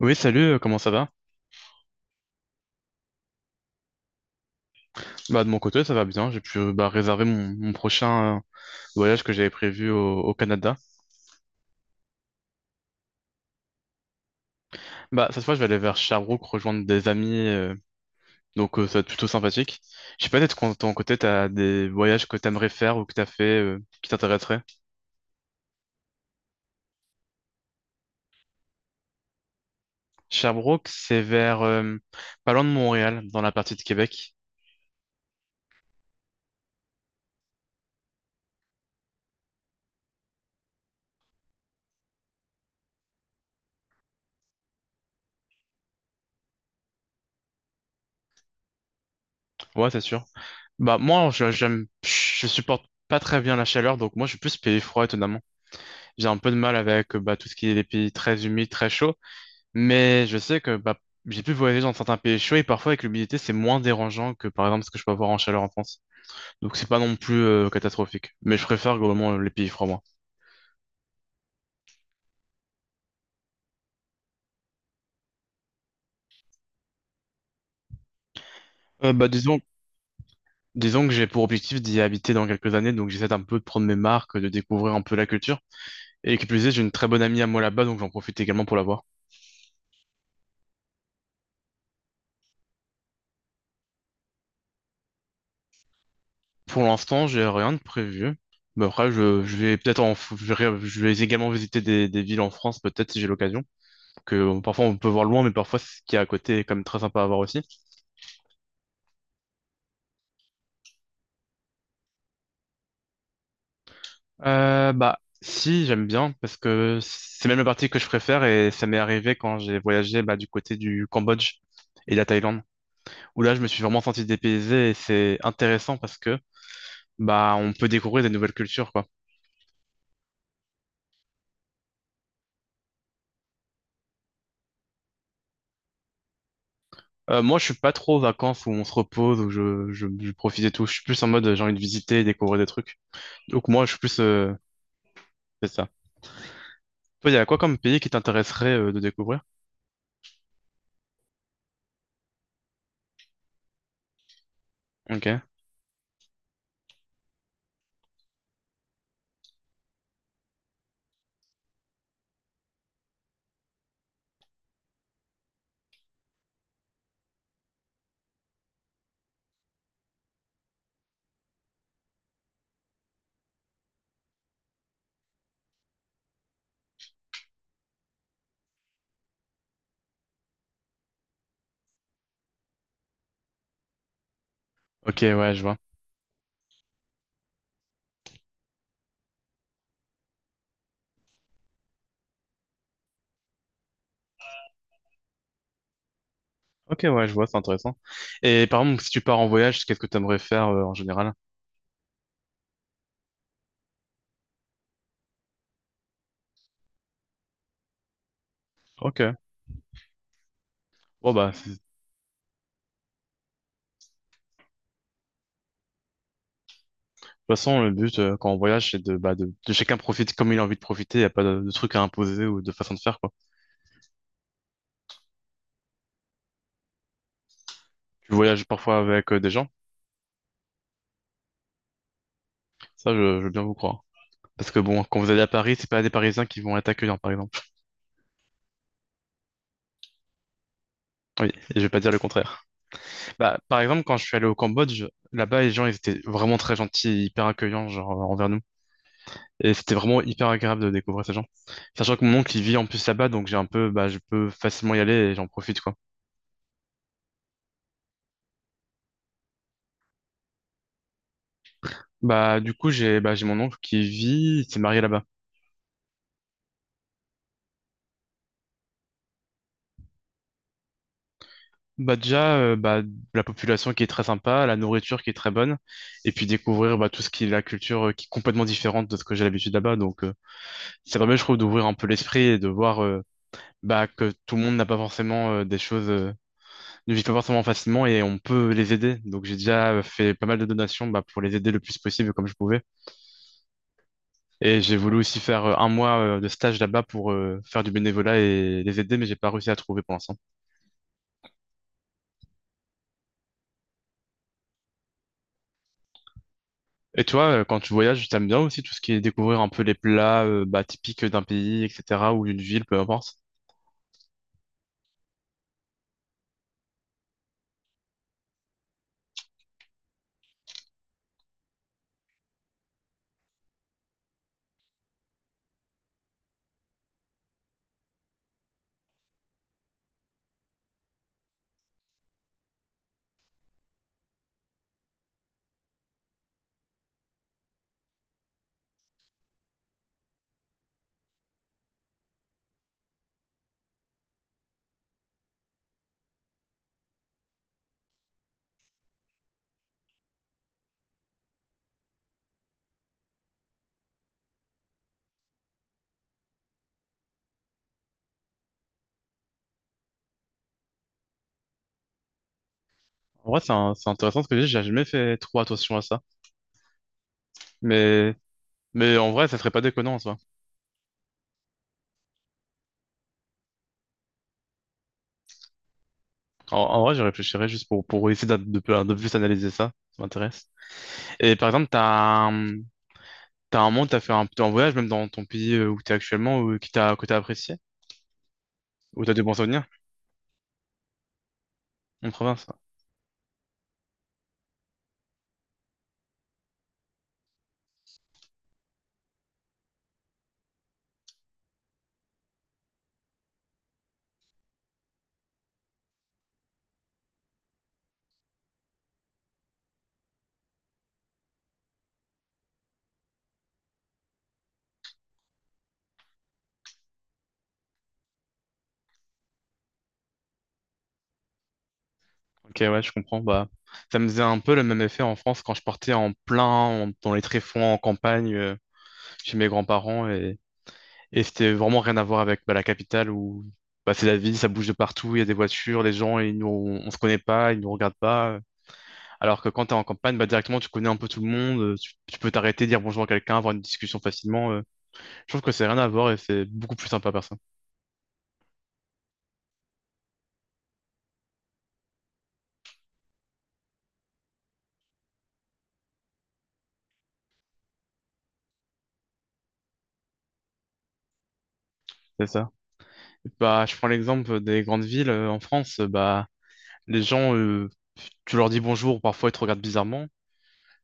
Oui, salut, comment ça va? Bah, de mon côté, ça va bien. J'ai pu réserver mon prochain voyage que j'avais prévu au Canada. Bah, cette fois, je vais aller vers Sherbrooke rejoindre des amis, ça va être plutôt sympathique. Je sais pas, peut-être qu'en ton côté, t'as des voyages que t'aimerais faire ou que t'as fait qui t'intéresseraient. Sherbrooke, c'est vers pas loin de Montréal, dans la partie de Québec. Ouais, c'est sûr. Bah, moi, j'aime, je supporte pas très bien la chaleur, donc moi, je suis plus pays froid, étonnamment. J'ai un peu de mal avec tout ce qui est les pays très humides, très chauds. Mais je sais que bah, j'ai pu voyager dans certains pays chauds et parfois avec l'humidité c'est moins dérangeant que par exemple ce que je peux avoir en chaleur en France. Donc c'est pas non plus catastrophique. Mais je préfère globalement les pays froids moi. Euh, bah disons, disons que j'ai pour objectif d'y habiter dans quelques années, donc j'essaie un peu de prendre mes marques, de découvrir un peu la culture. Et qui plus est, j'ai une très bonne amie à moi là-bas, donc j'en profite également pour la voir. Pour l'instant, j'ai rien de prévu. Mais après, je vais peut-être je vais également visiter des villes en France, peut-être si j'ai l'occasion. Que bon, parfois on peut voir loin, mais parfois ce qui est à côté est quand même très sympa à voir aussi. Bah, si, j'aime bien, parce que c'est même la partie que je préfère et ça m'est arrivé quand j'ai voyagé bah, du côté du Cambodge et de la Thaïlande, où là, je me suis vraiment senti dépaysé et c'est intéressant parce que bah, on peut découvrir des nouvelles cultures, quoi. Moi, je suis pas trop aux vacances où on se repose, où je profite et tout. Je suis plus en mode j'ai envie de visiter et découvrir des trucs. Donc, moi, je suis plus. C'est ça. Toi, il y a quoi comme pays qui t'intéresserait de découvrir? Ok. Ok, ouais, je vois. Ok, ouais, je vois, c'est intéressant. Et par exemple, si tu pars en voyage, qu'est-ce que tu aimerais faire en général? Ok. Bon, bah, de toute façon, le but quand on voyage, c'est de, bah, de chacun profite comme il a envie de profiter. Il n'y a pas de truc à imposer ou de façon de faire, quoi. Tu voyages parfois avec des gens, ça, je veux bien vous croire. Parce que bon, quand vous allez à Paris, c'est pas des Parisiens qui vont être accueillants, par exemple. Oui, et je vais pas dire le contraire. Bah, par exemple, quand je suis allé au Cambodge, là-bas, les gens, ils étaient vraiment très gentils, hyper accueillants, genre, envers nous. Et c'était vraiment hyper agréable de découvrir ces gens. Sachant que mon oncle, il vit en plus là-bas, donc j'ai un peu, bah, je peux facilement y aller et j'en profite, quoi. Bah, du coup, j'ai mon oncle qui vit, il s'est marié là-bas. Bah, déjà, la population qui est très sympa, la nourriture qui est très bonne, et puis découvrir, bah, tout ce qui est la culture qui est complètement différente de ce que j'ai l'habitude là-bas. Donc, c'est vraiment, je trouve, d'ouvrir un peu l'esprit et de voir, bah, que tout le monde n'a pas forcément des choses, ne vit pas forcément facilement et on peut les aider. Donc, j'ai déjà fait pas mal de donations, bah, pour les aider le plus possible comme je pouvais. Et j'ai voulu aussi faire un mois de stage là-bas pour faire du bénévolat et les aider, mais j'ai pas réussi à trouver pour l'instant. Et toi, quand tu voyages, t'aimes bien aussi tout ce qui est découvrir un peu les plats typiques d'un pays, etc., ou d'une ville, peu importe. En vrai, c'est intéressant ce que j'ai jamais fait trop attention à ça. Mais, mais en vrai, ça serait pas déconnant en soi. En vrai, je réfléchirais juste pour essayer de plus analyser ça. Ça m'intéresse. Et par exemple, un, t'as un moment, où t'as fait un voyage, même dans ton pays où t'es actuellement, ou, que t'as apprécié, ou t'as des bons souvenirs en province? Ok, ouais, je comprends. Bah, ça me faisait un peu le même effet en France quand je partais en plein, dans les tréfonds, en campagne, chez mes grands-parents. Et c'était vraiment rien à voir avec bah, la capitale où bah, c'est la ville, ça bouge de partout, il y a des voitures, les gens, on se connaît pas, ils nous regardent pas. Alors que quand t'es en campagne, bah, directement, tu connais un peu tout le monde, tu peux t'arrêter, dire bonjour à quelqu'un, avoir une discussion facilement. Je trouve que c'est rien à voir et c'est beaucoup plus sympa, personne. C'est ça. Bah, je prends l'exemple des grandes villes en France. Bah, les gens, tu leur dis bonjour, parfois ils te regardent bizarrement,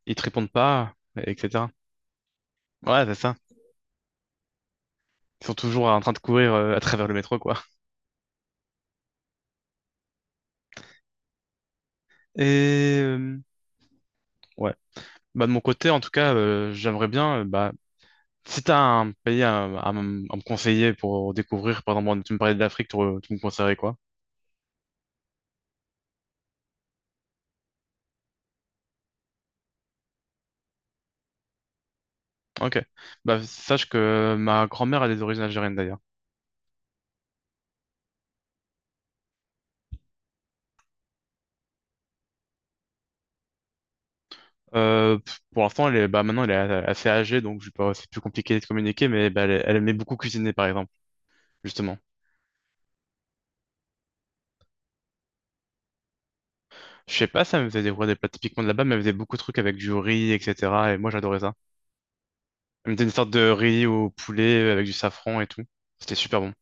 ils te répondent pas, etc. Ouais, c'est ça. Ils sont toujours en train de courir à travers le métro, quoi. Et ouais. Bah, de mon côté, en tout cas, j'aimerais bien, bah, si t'as un pays à me conseiller pour découvrir, par exemple, tu me parlais de l'Afrique, tu me conseillerais quoi? Ok. Bah, sache que ma grand-mère a des origines algériennes, d'ailleurs. Pour l'instant, elle est, bah, maintenant, elle est assez âgée, donc je sais pas, c'est plus compliqué de communiquer, mais bah, elle aimait beaucoup cuisiner, par exemple, justement. Je sais pas, ça me faisait découvrir des plats typiquement de là-bas, mais elle faisait beaucoup de trucs avec du riz, etc. Et moi, j'adorais ça. Elle mettait une sorte de riz au poulet avec du safran et tout. C'était super bon.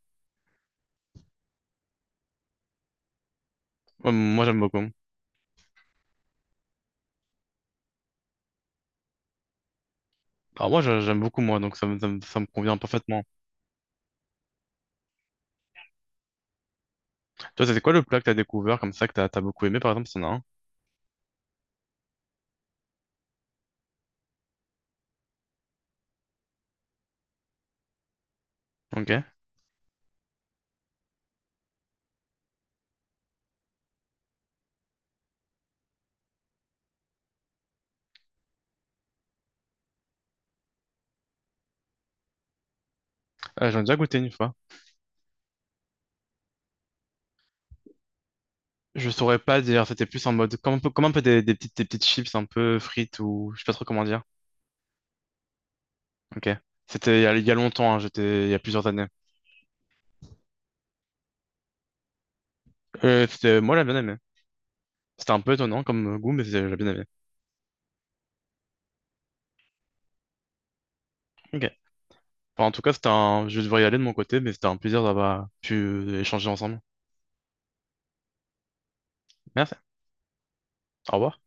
Ouais, moi, j'aime beaucoup. Alors moi, j'aime beaucoup, moi, donc ça me convient parfaitement. Toi, c'était quoi le plat que t'as découvert comme ça, que t'as beaucoup aimé, par exemple, si t'en as un? Ok. J'en ai déjà goûté une fois. Je saurais pas dire, c'était plus en mode, comme un peu des petites chips un peu frites ou je sais pas trop comment dire. Ok. C'était il y il y a longtemps, hein, j'étais, il y a plusieurs années. C'était, moi, j'ai bien aimé. C'était un peu étonnant comme goût, mais j'ai bien aimé. Ok. Enfin, en tout cas, c'était un… je devrais y aller de mon côté, mais c'était un plaisir d'avoir pu échanger ensemble. Merci. Au revoir.